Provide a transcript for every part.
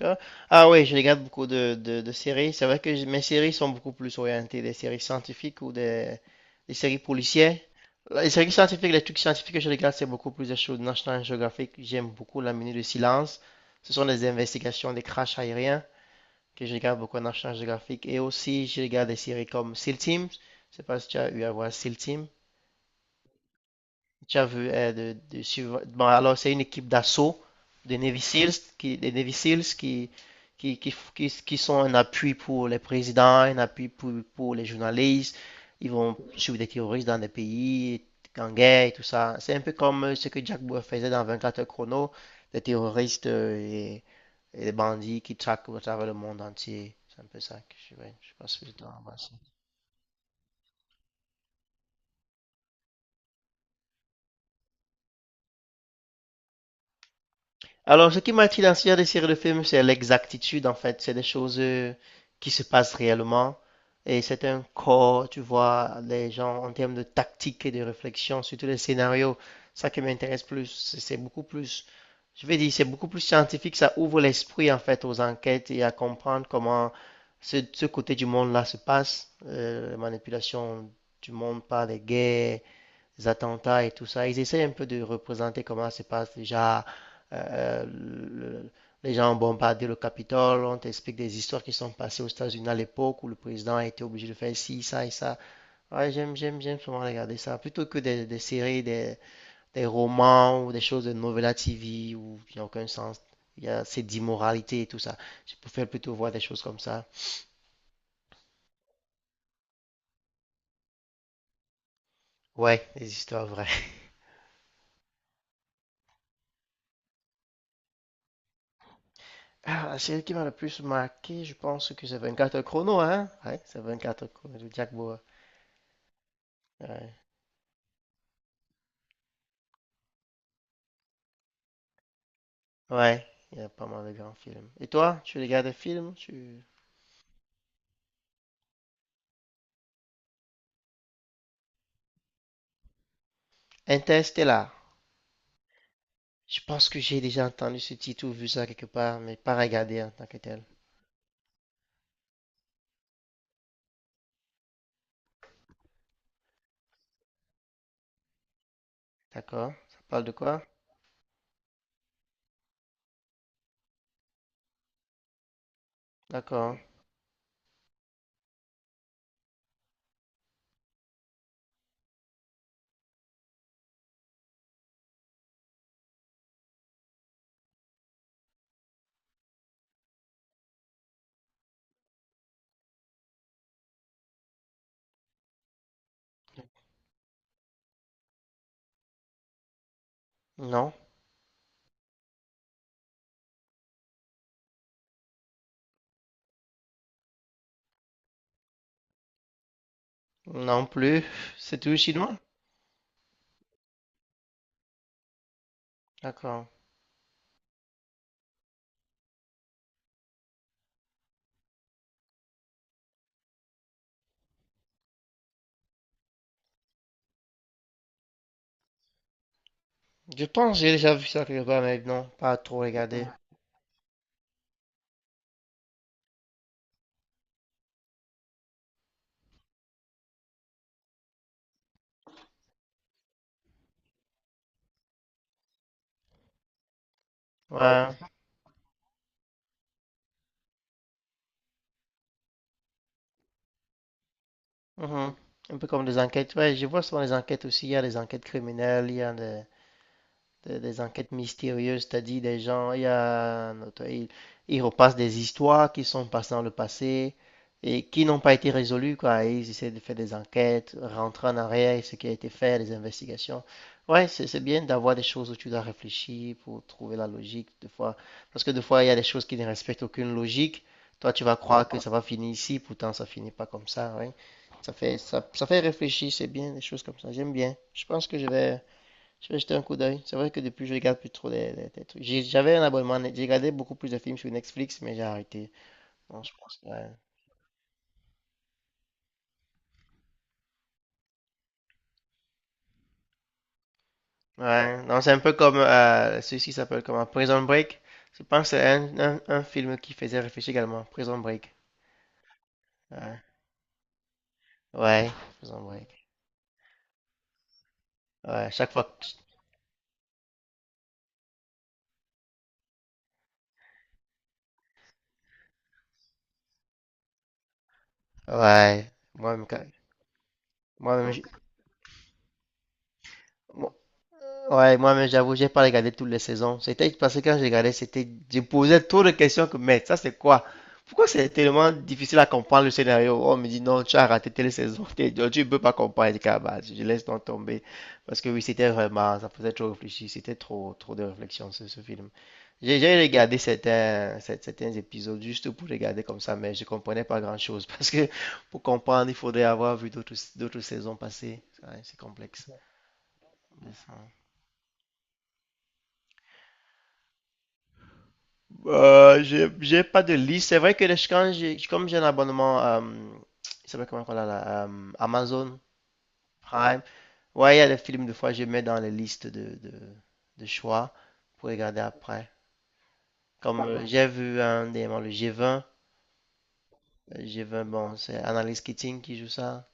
Ah, ah, oui, je regarde beaucoup de séries. C'est vrai que mes séries sont beaucoup plus orientées des séries scientifiques ou des séries policières. Les séries scientifiques, les trucs scientifiques que je regarde, c'est beaucoup plus des choses National Geographic. J'aime beaucoup La Minute de Silence. Ce sont des investigations des crashs aériens que je regarde beaucoup à National Geographic. Et aussi, je regarde des séries comme SEAL Team. Je sais pas si tu as eu à voir SEAL Team. J'avoue, bon, alors c'est une équipe d'assaut des Navy Seals qui, des Navy Seals qui, qui sont un appui pour les présidents, un appui pour les journalistes. Ils vont suivre des terroristes dans des pays en guerre et tout ça. C'est un peu comme ce que Jack Bauer faisait dans 24 heures chrono, des terroristes et des bandits qui traquent à travers le monde entier. C'est un peu ça que je, ouais, je pense que je dois avancer. Alors, ce qui m'attire dans ce genre de série de films, c'est l'exactitude, en fait. C'est des choses qui se passent réellement. Et c'est un corps, tu vois, les gens, en termes de tactique et de réflexion, surtout les scénarios, ça qui m'intéresse plus. C'est beaucoup plus, je vais dire, c'est beaucoup plus scientifique. Ça ouvre l'esprit, en fait, aux enquêtes et à comprendre comment ce côté du monde-là se passe. La manipulation du monde par les guerres, les attentats et tout ça. Ils essaient un peu de représenter comment se passe déjà. euh, le- les gens ont bombardé le Capitole, on t'explique des histoires qui sont passées aux États-Unis à l'époque où le président a été obligé de faire ci, ça et ça. Ouais, j'aime souvent regarder ça. Plutôt que des romans ou des choses de novella TV où il n'y a aucun sens. Il y a cette immoralité et tout ça. Je préfère plutôt voir des choses comme ça. Ouais, des histoires vraies. Ah, la série qui m'a le plus marqué, je pense que c'est 24 chrono, hein? Ouais, c'est 24 chrono de Jack Bauer. Ouais. Ouais, il y a pas mal de grands films. Et toi, tu regardes des films? Tu... Interstellar. Je pense que j'ai déjà entendu ce titre ou vu ça quelque part, mais pas regardé en tant que tel. D'accord? Ça parle de quoi? D'accord. Non. Non plus. C'est tout chinois? D'accord. Je pense que j'ai déjà vu ça quelque part, mais non, pas trop regardé. Ouais. Mhm. Un peu comme des enquêtes. Ouais, je vois souvent les enquêtes aussi. Il y a des enquêtes criminelles, il y a des enquêtes mystérieuses, c'est-à-dire des gens, il y a, un auteur, il repasse des histoires qui sont passées dans le passé et qui n'ont pas été résolues, quoi. Et ils essaient de faire des enquêtes, rentrer en arrière, et ce qui a été fait, les investigations. Ouais, c'est bien d'avoir des choses où tu dois réfléchir pour trouver la logique, des fois. Parce que des fois, il y a des choses qui ne respectent aucune logique. Toi, tu vas croire que ça va finir ici, pourtant ça finit pas comme ça, ouais. Ça fait, ça fait réfléchir, c'est bien, des choses comme ça. J'aime bien. Je pense que je vais jeter un coup d'œil. C'est vrai que depuis, je regarde plus trop les trucs. J'avais un abonnement, j'ai regardé beaucoup plus de films sur Netflix, mais j'ai arrêté. Non, je pense que... Ouais, ouais, non, c'est un peu comme celui-ci s'appelle comment? Prison Break. Je pense que c'est un film qui faisait réfléchir également. Prison Break. Ouais, ouais, Prison Break. Ouais, chaque fois. Ouais, moi-même, quand- moi-même, j'ai- moi Ouais, moi-même, j'avoue, j'ai pas regardé toutes les saisons. C'était parce que quand je regardais, c'était, je posais trop de questions que, mais ça, c'est quoi? Pourquoi c'est tellement difficile à comprendre le scénario? On me dit, non, tu as raté telle saison, tu ne peux pas comprendre. Je dis, ah, bah, je laisse donc tomber. Parce que oui, c'était vraiment, ça faisait trop réfléchir, c'était trop, trop de réflexion sur ce film. J'ai regardé certains, certains épisodes juste pour regarder comme ça, mais je comprenais pas grand-chose. Parce que pour comprendre, il faudrait avoir vu d'autres saisons passées. Ouais, c'est complexe. Mhm. J'ai pas de liste. C'est vrai que quand j'ai, comme j'ai un abonnement, il s'appelle comment qu'on a là, Amazon Prime. Ouais, il y a des films, des fois, je mets dans les listes de choix pour regarder après. Comme j'ai vu un dernièrement, le G20. Le G20, bon, c'est Annalise Keating qui joue ça.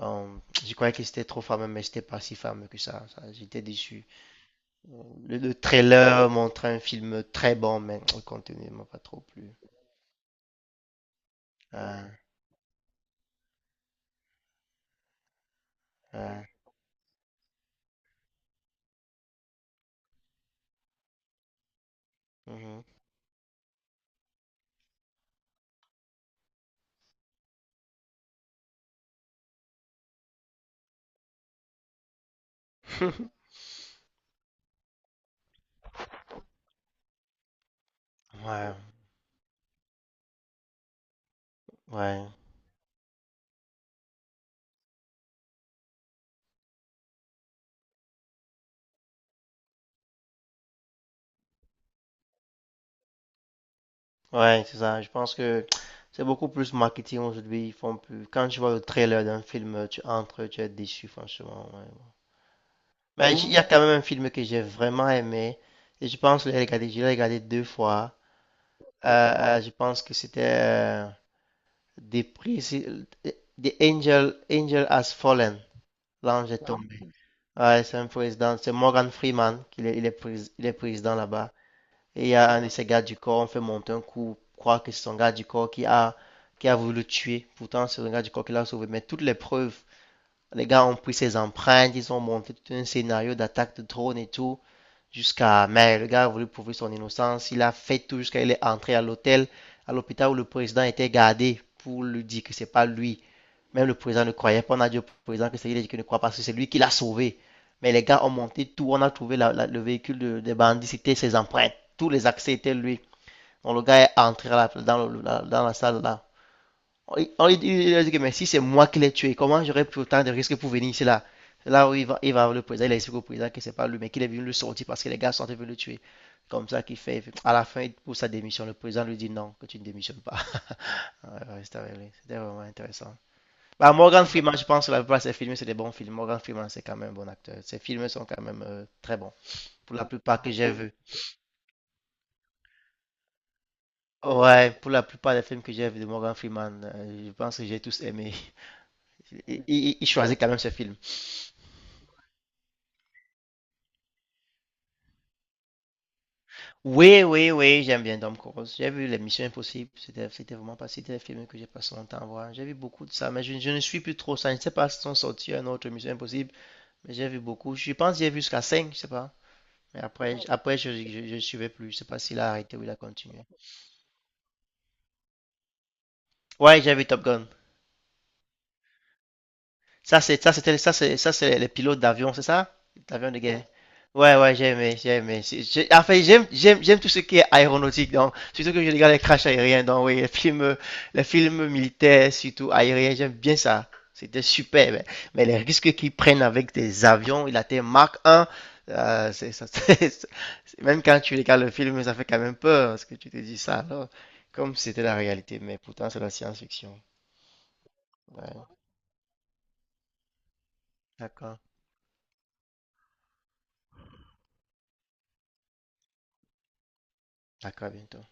Euh, je croyais que c'était trop fameux, mais c'était pas si fameux que ça. Ça, j'étais déçu. Le trailer montrait un film très bon, mais le contenu m'a pas trop plu. Ah, ah, mhm. Ouais, ouais, ouais, c'est ça. Je pense que c'est beaucoup plus marketing aujourd'hui. Ils font plus. Quand tu vois le trailer d'un film, tu entres, tu es déçu, franchement. Ouais. Mais il y a quand même un film que j'ai vraiment aimé. Et je pense que je l'ai regardé deux fois. Je pense que c'était des prix. The Angel, Angel Has Fallen. L'ange est tombé. Ouais, c'est un président. C'est Morgan Freeman qui est, il est, prés- il est président là-bas. Et il y a un de ses gardes du corps, on fait monter un coup, croire que c'est son garde du corps qui a voulu le tuer. Pourtant, c'est le garde du corps qui l'a sauvé. Mais toutes les preuves, les gars ont pris ses empreintes, ils ont monté tout un scénario d'attaque de drone et tout, jusqu'à. Mais le gars a voulu prouver son innocence, il a fait tout jusqu'à il est entré à l'hôtel, à l'hôpital où le président était gardé pour lui dire que c'est pas lui. Même le président ne croyait pas, on a dit au président que c'est lui qui ne croit pas, parce que c'est lui qui l'a sauvé. Mais les gars ont monté tout, on a trouvé le véhicule des bandits, c'était ses empreintes, tous les accès étaient lui. Donc le gars est entré dans, dans la salle là. On lui dit, il que mais si c'est moi qui l'ai tué, comment j'aurais pris autant de risques pour venir ici là? Là où il va voir le président, il a explique au président que c'est pas lui, mais qu'il est venu le sortir parce que les gars sont venus le tuer. Comme ça qu'il fait. À la fin, il pousse sa démission. Le président lui dit non, que tu ne démissionnes pas. C'était vraiment intéressant. Bah, Morgan Freeman, je pense que la plupart de ses films, c'est des bons films. Morgan Freeman, c'est quand même un bon acteur. Ses films sont quand même très bons. Pour la plupart que j'ai vu. Ouais, pour la plupart des films que j'ai vus de Morgan Freeman, je pense que j'ai tous aimé. Il choisit quand même ce film. Oui, oui, oui, j'aime bien Tom Cruise. J'ai vu Les Missions Impossibles. C'était, c'était vraiment pas, c'était des films que j'ai passé mon temps à voir. J'ai vu beaucoup de ça, mais je ne suis plus trop ça. Je ne sais pas si sont sortis un autre Mission Impossible, mais j'ai vu beaucoup. Je pense que j'ai vu jusqu'à 5, je sais pas. Mais après, je suivais plus. Je sais pas s'il a arrêté ou il a continué. Ouais, j'ai vu Top Gun. Ça, c'est, ça, c'était, ça, c'est les pilotes d'avion, c'est ça? D'avion de guerre. Ouais, ouais, j'ai aimé. En fait, j'aime tout ce qui est aéronautique, donc, surtout que je regarde les crashs aériens, donc, oui, les films militaires, surtout aériens, j'aime bien ça. C'était super, mais les risques qu'ils prennent avec des avions, il a été Mark 1, c'est, ça, c'est- même quand tu regardes le film, ça fait quand même peur, parce que tu te dis ça, alors, comme c'était la réalité, mais pourtant, c'est la science-fiction. Ouais, d'accord, d'accord, à bientôt.